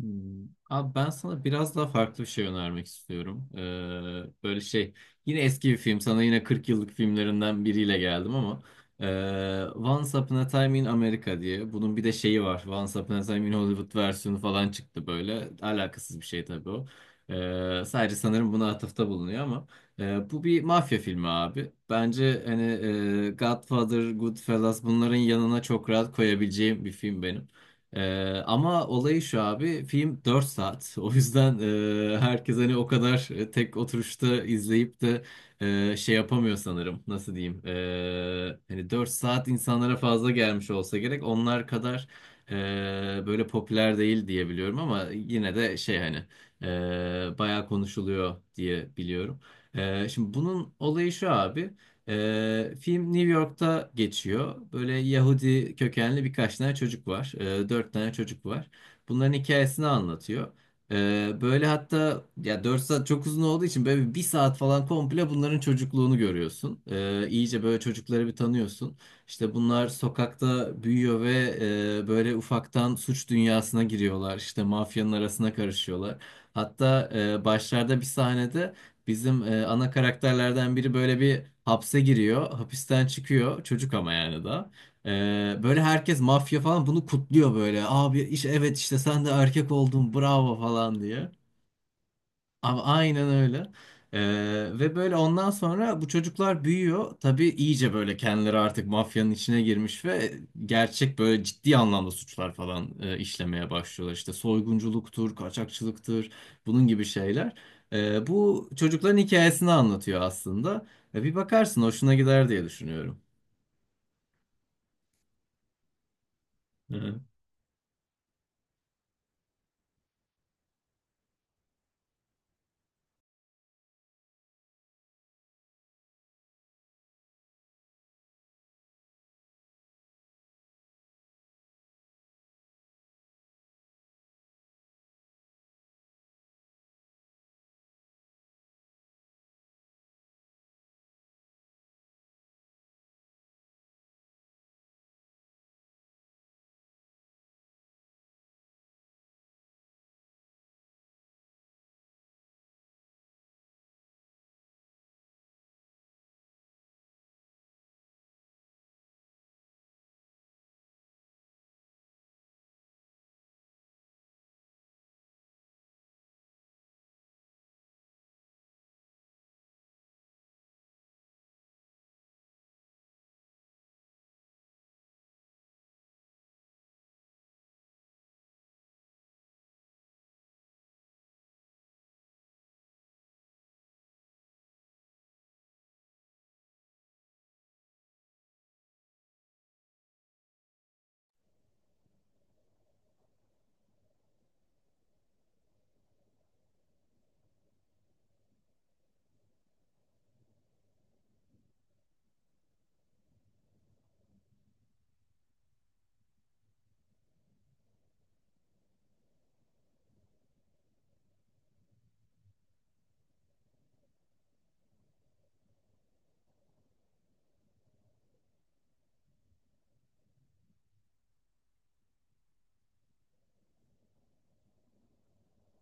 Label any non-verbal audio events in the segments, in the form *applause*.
Hmm. Abi ben sana biraz daha farklı bir şey önermek istiyorum. Böyle yine eski bir film, sana yine 40 yıllık filmlerinden biriyle geldim ama Once Upon a Time in America diye bunun bir de şeyi var. Once Upon a Time in Hollywood versiyonu falan çıktı, böyle alakasız bir şey tabii o. Sadece sanırım buna atıfta bulunuyor ama bu bir mafya filmi abi. Bence hani Godfather, Goodfellas bunların yanına çok rahat koyabileceğim bir film benim. Ama olayı şu abi, film 4 saat *laughs* o yüzden herkes hani o kadar tek oturuşta izleyip de şey yapamıyor sanırım, nasıl diyeyim. Hani 4 saat insanlara fazla gelmiş olsa gerek, onlar kadar böyle popüler değil diye biliyorum ama yine de şey hani bayağı konuşuluyor diye biliyorum. Şimdi bunun olayı şu abi. Film New York'ta geçiyor. Böyle Yahudi kökenli birkaç tane çocuk var. Dört tane çocuk var. Bunların hikayesini anlatıyor. Böyle hatta ya, 4 saat çok uzun olduğu için böyle bir saat falan komple bunların çocukluğunu görüyorsun. İyice böyle çocukları bir tanıyorsun. İşte bunlar sokakta büyüyor ve böyle ufaktan suç dünyasına giriyorlar. İşte mafyanın arasına karışıyorlar. Hatta başlarda bir sahnede bizim ana karakterlerden biri böyle bir hapse giriyor. Hapisten çıkıyor. Çocuk ama yani da. E, Böyle herkes, mafya falan, bunu kutluyor böyle. Abi evet, işte sen de erkek oldun bravo falan diye. Abi aynen öyle. Ve böyle ondan sonra bu çocuklar büyüyor. Tabii iyice böyle kendileri artık mafyanın içine girmiş ve gerçek böyle ciddi anlamda suçlar falan işlemeye başlıyorlar. İşte soygunculuktur, kaçakçılıktır, bunun gibi şeyler. Bu çocukların hikayesini anlatıyor aslında. Bir bakarsın hoşuna gider diye düşünüyorum. Hı hı.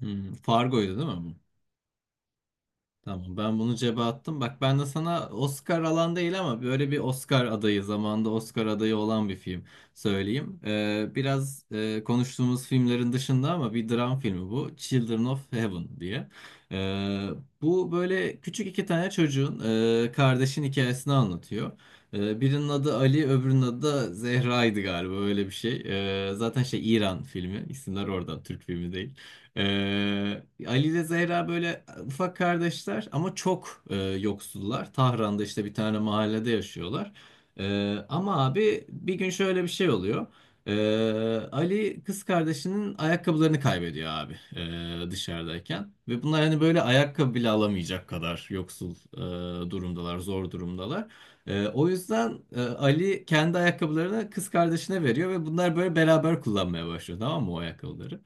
Hmm, Fargo'ydu değil mi bu? Tamam, ben bunu cebe attım. Bak, ben de sana Oscar alan değil ama böyle bir Oscar adayı zamanda Oscar adayı olan bir film söyleyeyim. Biraz konuştuğumuz filmlerin dışında ama bir dram filmi bu. Children of Heaven diye. Ee, Bu böyle küçük iki tane çocuğun kardeşin hikayesini anlatıyor. Birinin adı Ali, öbürünün adı da Zehra'ydı galiba, öyle bir şey. Zaten şey, İran filmi, isimler oradan, Türk filmi değil. Ali ile Zehra böyle ufak kardeşler ama çok yoksullar. Tahran'da işte bir tane mahallede yaşıyorlar. Ama abi bir gün şöyle bir şey oluyor. Ee, Ali kız kardeşinin ayakkabılarını kaybediyor abi, dışarıdayken. Ve bunlar hani böyle ayakkabı bile alamayacak kadar yoksul durumdalar, zor durumdalar. O yüzden Ali kendi ayakkabılarını kız kardeşine veriyor ve bunlar böyle beraber kullanmaya başlıyor, tamam mı, o ayakkabıları?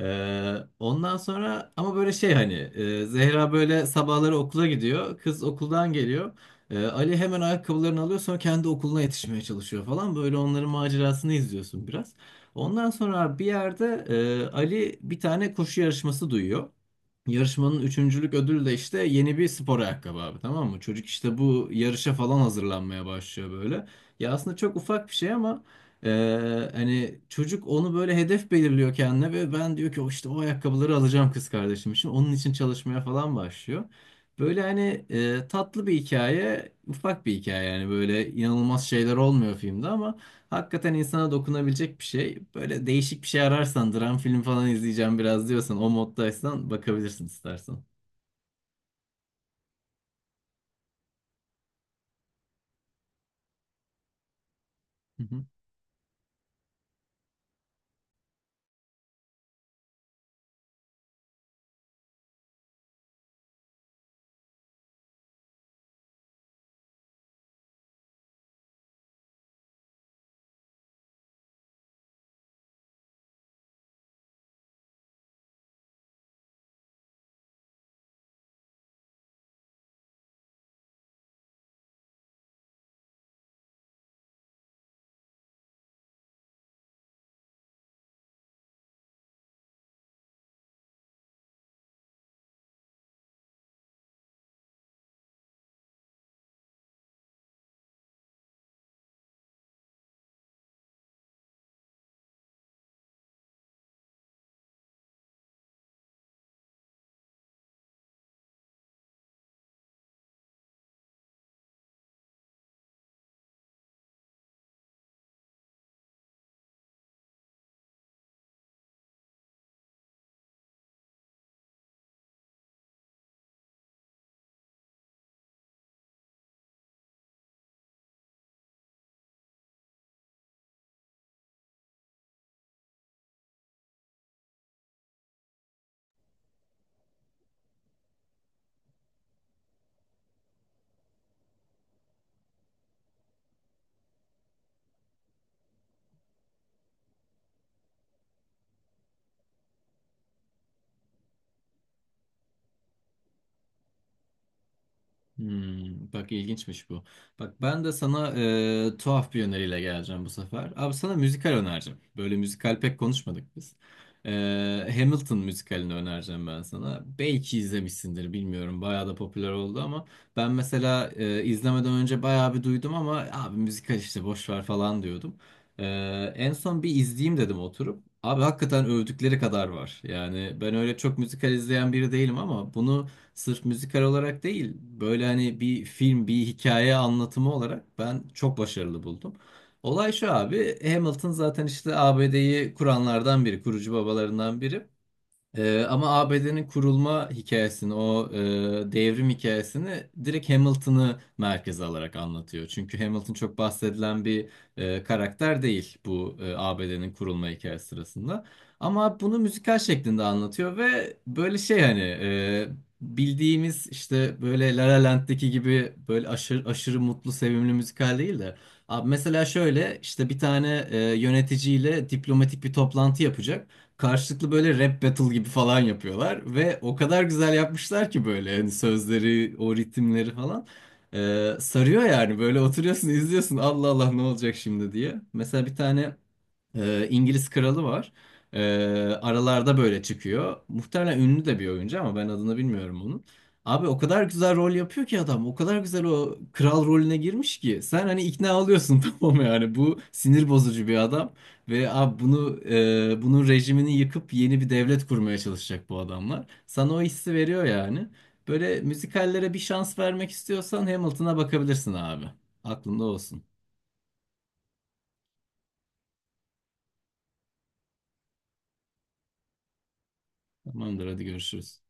Ondan sonra ama böyle şey hani Zehra böyle sabahları okula gidiyor. Kız okuldan geliyor. Ali hemen ayakkabılarını alıyor, sonra kendi okuluna yetişmeye çalışıyor falan. Böyle onların macerasını izliyorsun biraz. Ondan sonra bir yerde Ali bir tane koşu yarışması duyuyor. Yarışmanın üçüncülük ödülü de işte yeni bir spor ayakkabı abi, tamam mı? Çocuk işte bu yarışa falan hazırlanmaya başlıyor böyle. Ya aslında çok ufak bir şey ama e, hani çocuk onu böyle hedef belirliyor kendine ve ben, diyor ki, o işte o ayakkabıları alacağım kız kardeşim için. Onun için çalışmaya falan başlıyor. Böyle hani tatlı bir hikaye, ufak bir hikaye, yani böyle inanılmaz şeyler olmuyor filmde ama hakikaten insana dokunabilecek bir şey. Böyle değişik bir şey ararsan, dram film falan izleyeceğim biraz diyorsan, o moddaysan, bakabilirsin istersen. Hı hı. Hmm, bak ilginçmiş bu. Bak, ben de sana tuhaf bir öneriyle geleceğim bu sefer. Abi sana müzikal önereceğim. Böyle müzikal pek konuşmadık biz. E, Hamilton müzikalini önereceğim ben sana. Belki izlemişsindir, bilmiyorum. Bayağı da popüler oldu ama ben mesela izlemeden önce bayağı bir duydum ama abi müzikal işte, boş ver falan diyordum. E, En son bir izleyeyim dedim oturup. Abi hakikaten övdükleri kadar var. Yani ben öyle çok müzikal izleyen biri değilim ama bunu sırf müzikal olarak değil, böyle hani bir film, bir hikaye anlatımı olarak ben çok başarılı buldum. Olay şu abi, Hamilton zaten işte ABD'yi kuranlardan biri, kurucu babalarından biri. Ama ABD'nin kurulma hikayesini, o devrim hikayesini direkt Hamilton'ı merkeze alarak anlatıyor. Çünkü Hamilton çok bahsedilen bir karakter değil bu ABD'nin kurulma hikayesi sırasında. Ama bunu müzikal şeklinde anlatıyor ve böyle şey hani bildiğimiz işte böyle La La Land'deki gibi böyle aşırı, aşırı mutlu, sevimli müzikal değil de. Abi mesela şöyle işte bir tane yöneticiyle diplomatik bir toplantı yapacak, karşılıklı böyle rap battle gibi falan yapıyorlar ve o kadar güzel yapmışlar ki, böyle hani sözleri, o ritimleri falan. Sarıyor yani, böyle oturuyorsun izliyorsun, Allah Allah ne olacak şimdi diye. Mesela bir tane İngiliz kralı var. Ee, Aralarda böyle çıkıyor. Muhtemelen ünlü de bir oyuncu ama ben adını bilmiyorum onun. Abi o kadar güzel rol yapıyor ki adam. O kadar güzel o kral rolüne girmiş ki. Sen hani ikna oluyorsun *laughs* tamam mı, yani. Bu sinir bozucu bir adam. Ve abi bunu bunun rejimini yıkıp yeni bir devlet kurmaya çalışacak bu adamlar. Sana o hissi veriyor yani. Böyle müzikallere bir şans vermek istiyorsan Hamilton'a bakabilirsin abi. Aklında olsun. Tamamdır, hadi görüşürüz.